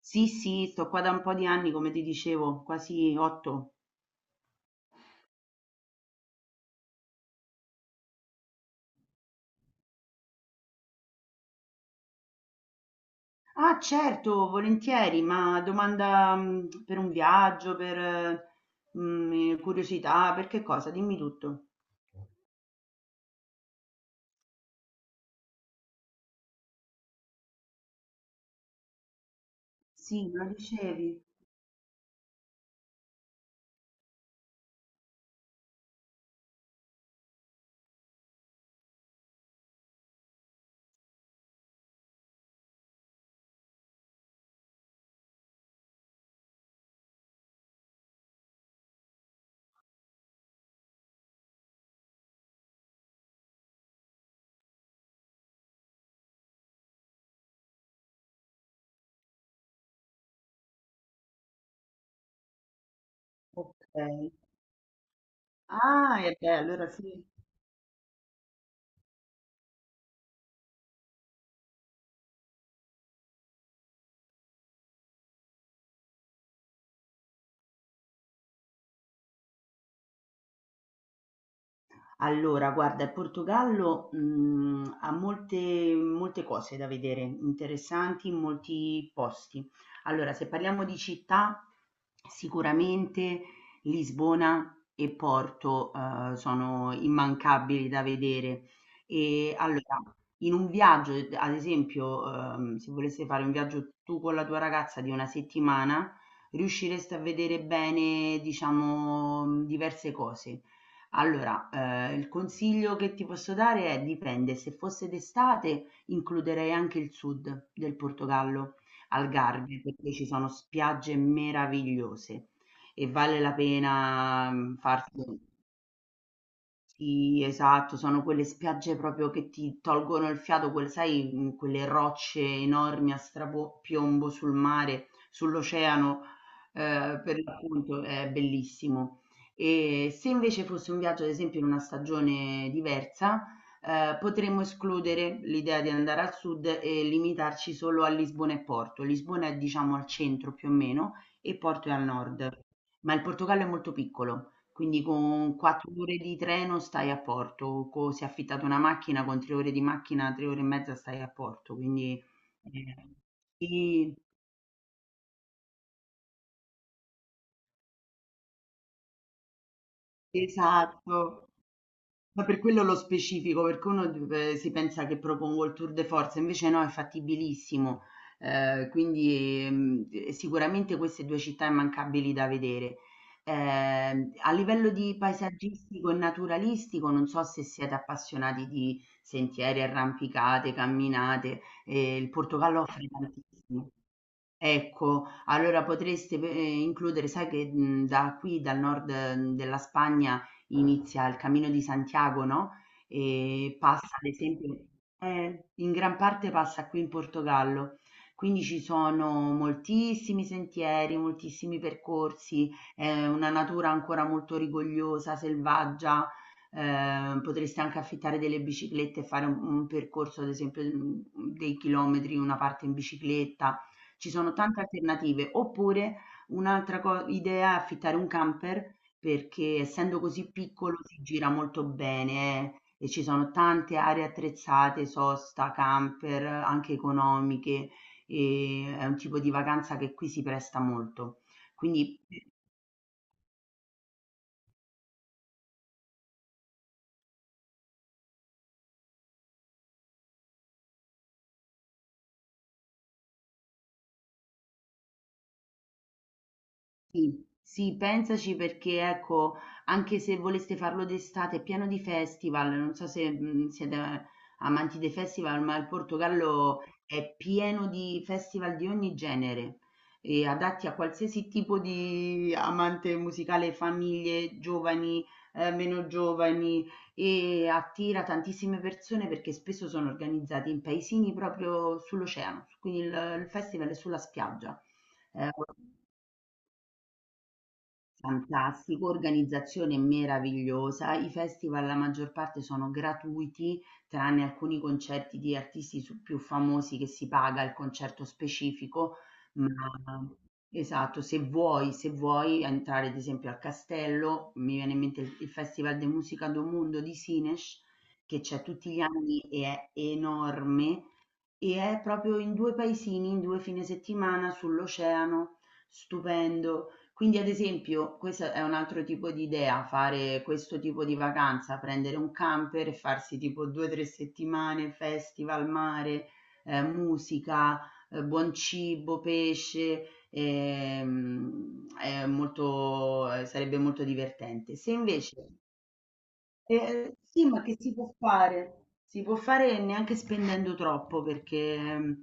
Sì, sì, sto qua da un po' di anni, come ti dicevo, quasi 8. Ah, certo, volentieri, ma domanda per un viaggio, per curiosità, per che cosa? Dimmi tutto. Sì, me lo dicevi. Ok. Ah, e beh, allora sì. Allora, guarda, il Portogallo, ha molte molte cose da vedere, interessanti in molti posti. Allora, se parliamo di città, sicuramente Lisbona e Porto, sono immancabili da vedere. E allora, in un viaggio, d ad esempio, se voleste fare un viaggio tu con la tua ragazza di 1 settimana, riuscireste a vedere bene, diciamo, diverse cose. Allora, il consiglio che ti posso dare è: dipende, se fosse d'estate includerei anche il sud del Portogallo, Algarve, perché ci sono spiagge meravigliose e vale la pena, farsi sì, esatto, sono quelle spiagge proprio che ti tolgono il fiato, sai, quelle rocce enormi a strapiombo sul mare, sull'oceano, per l'appunto è bellissimo. E se invece fosse un viaggio, ad esempio, in una stagione diversa, potremmo escludere l'idea di andare al sud e limitarci solo a Lisbona e Porto. Lisbona è, diciamo, al centro più o meno e Porto è al nord, ma il Portogallo è molto piccolo. Quindi con 4 ore di treno stai a Porto, co se affittate una macchina con 3 ore di macchina, 3 ore e mezza stai a Porto, quindi ehm sì, esatto. Ma per quello lo specifico, perché uno si pensa che propongo il tour de force, invece no, è fattibilissimo. Quindi sicuramente queste due città immancabili da vedere. Eh, a livello di paesaggistico e naturalistico, non so se siete appassionati di sentieri, arrampicate, camminate, il Portogallo offre tantissimo. Ecco, allora potreste pe includere sai che, da qui dal nord, della Spagna inizia il Camino di Santiago, no, e passa ad esempio in gran parte passa qui in Portogallo. Quindi ci sono moltissimi sentieri, moltissimi percorsi, è una natura ancora molto rigogliosa, selvaggia, potreste anche affittare delle biciclette e fare un percorso ad esempio, dei chilometri, una parte in bicicletta. Ci sono tante alternative. Oppure un'altra co idea è affittare un camper, perché essendo così piccolo si gira molto bene e ci sono tante aree attrezzate, sosta, camper, anche economiche, e è un tipo di vacanza che qui si presta molto. Quindi sì, sì, pensaci perché ecco, anche se voleste farlo d'estate, è pieno di festival, non so se siete amanti dei festival, ma il Portogallo è pieno di festival di ogni genere, e adatti a qualsiasi tipo di amante musicale, famiglie, giovani, meno giovani, e attira tantissime persone perché spesso sono organizzati in paesini proprio sull'oceano, quindi il festival è sulla spiaggia. Eh, Fantastico, organizzazione meravigliosa. I festival la maggior parte sono gratuiti, tranne alcuni concerti di artisti più famosi che si paga il concerto specifico, ma esatto, se vuoi entrare ad esempio al castello, mi viene in mente il Festival de Musica do Mundo di Sines, che c'è tutti gli anni e è enorme e è proprio in due paesini, in due fine settimana sull'oceano, stupendo. Quindi, ad esempio, questo è un altro tipo di idea, fare questo tipo di vacanza, prendere un camper e farsi tipo 2 o 3 settimane, festival, mare, musica, buon cibo, pesce, è molto, sarebbe molto divertente. Se invece, sì, ma che si può fare? Si può fare neanche spendendo troppo perché.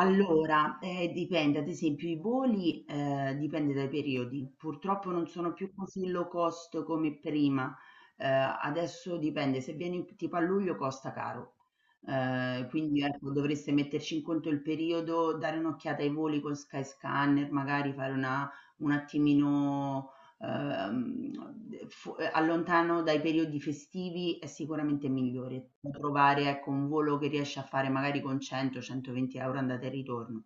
Allora, dipende, ad esempio i voli, dipende dai periodi. Purtroppo non sono più così low cost come prima. Adesso dipende, se vieni tipo a luglio costa caro. Quindi ecco, dovreste metterci in conto il periodo, dare un'occhiata ai voli con Skyscanner, magari fare una un attimino ehm, fu allontano dai periodi festivi è sicuramente migliore. Puoi provare, ecco, un volo che riesci a fare magari con 100-120 € andata e ritorno.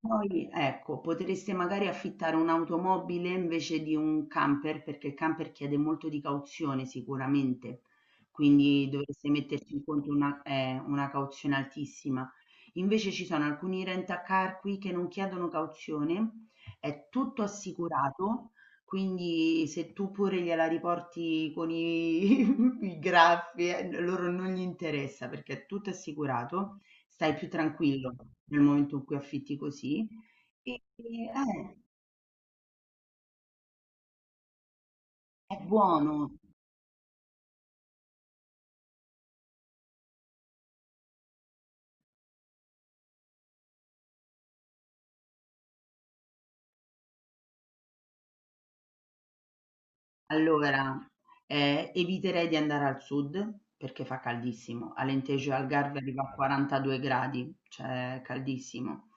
Poi, ecco, potreste magari affittare un'automobile invece di un camper, perché il camper chiede molto di cauzione sicuramente, quindi dovreste metterci in conto una cauzione altissima. Invece ci sono alcuni rent-a-car qui che non chiedono cauzione, è tutto assicurato, quindi se tu pure gliela riporti con i, i graffi, loro non gli interessa perché è tutto assicurato, stai più tranquillo nel momento in cui affitti così. E, e- eh, è buono. Allora, eviterei di andare al sud perché fa caldissimo. Alentejo e Algarve arriva a 42 gradi, cioè è caldissimo.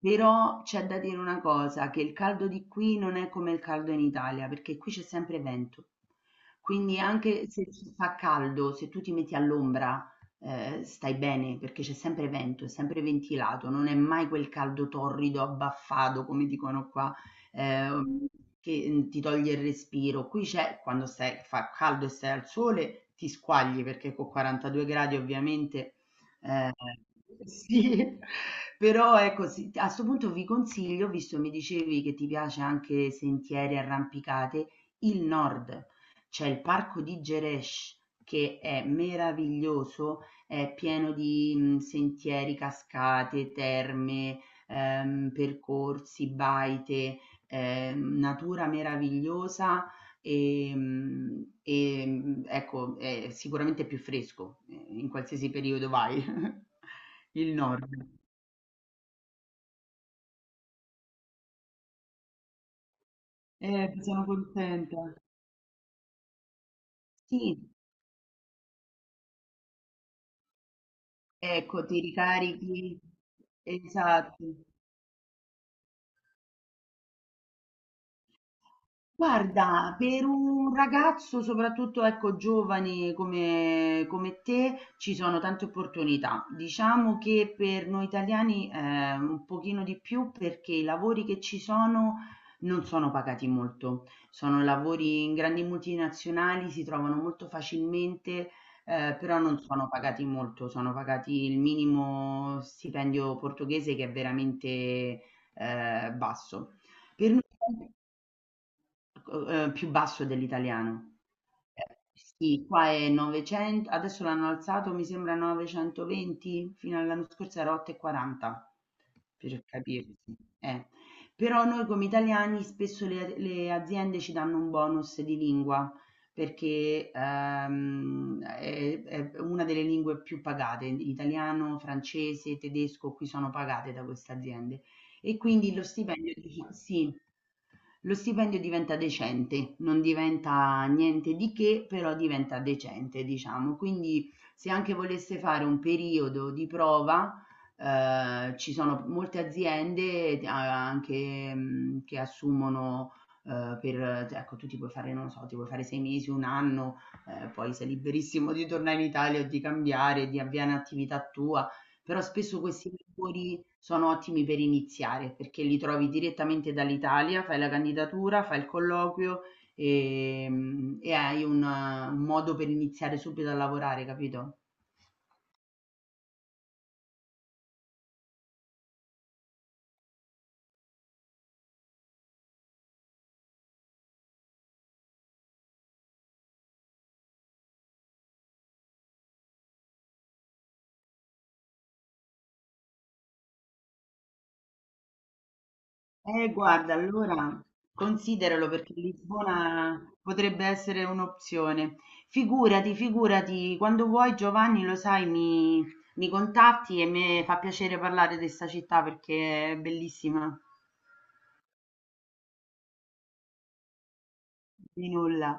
Però c'è da dire una cosa, che il caldo di qui non è come il caldo in Italia, perché qui c'è sempre vento. Quindi anche se ci fa caldo, se tu ti metti all'ombra, stai bene, perché c'è sempre vento, è sempre ventilato, non è mai quel caldo torrido, abbaffato, come dicono qua, ehm, che ti toglie il respiro. Qui c'è, quando stai, fa caldo e stai al sole, ti squagli, perché con 42 gradi ovviamente Ehm, sì, però ecco sì, a 'sto punto vi consiglio, visto mi dicevi che ti piace anche sentieri, arrampicate, il nord. C'è il parco di Gerêsh che è meraviglioso, è pieno di, sentieri, cascate, terme, percorsi, baite, natura meravigliosa. Ecco, è sicuramente più fresco, in qualsiasi periodo vai. Il nord. Sono contenta. Sì, ecco, ti ricarichi. Esatto. Guarda, per un ragazzo, soprattutto ecco, giovane come te, ci sono tante opportunità. Diciamo che per noi italiani un pochino di più perché i lavori che ci sono non sono pagati molto. Sono lavori in grandi multinazionali, si trovano molto facilmente, però non sono pagati molto. Sono pagati il minimo stipendio portoghese che è veramente basso. Per noi. Più basso dell'italiano. Sì, qua è 900, adesso l'hanno alzato mi sembra a 920, fino all'anno scorso era 8,40, per capirti, eh. Però noi come italiani spesso le aziende ci danno un bonus di lingua perché, è una delle lingue più pagate, italiano, francese, tedesco, qui sono pagate da queste aziende. E quindi lo stipendio di chi sì. Lo stipendio diventa decente, non diventa niente di che, però diventa decente, diciamo. Quindi se anche volesse fare un periodo di prova, ci sono molte aziende anche che assumono per, cioè, ecco, tu ti puoi fare, non lo so, ti puoi fare 6 mesi, un anno, poi sei liberissimo di tornare in Italia o di cambiare, di avviare un'attività tua, però spesso questi lavori sono ottimi per iniziare perché li trovi direttamente dall'Italia, fai la candidatura, fai il colloquio e, e hai un modo per iniziare subito a lavorare, capito? Guarda, allora consideralo perché Lisbona potrebbe essere un'opzione. Figurati, figurati, quando vuoi Giovanni, lo sai, mi contatti e mi fa piacere parlare di questa città perché è bellissima. Di nulla.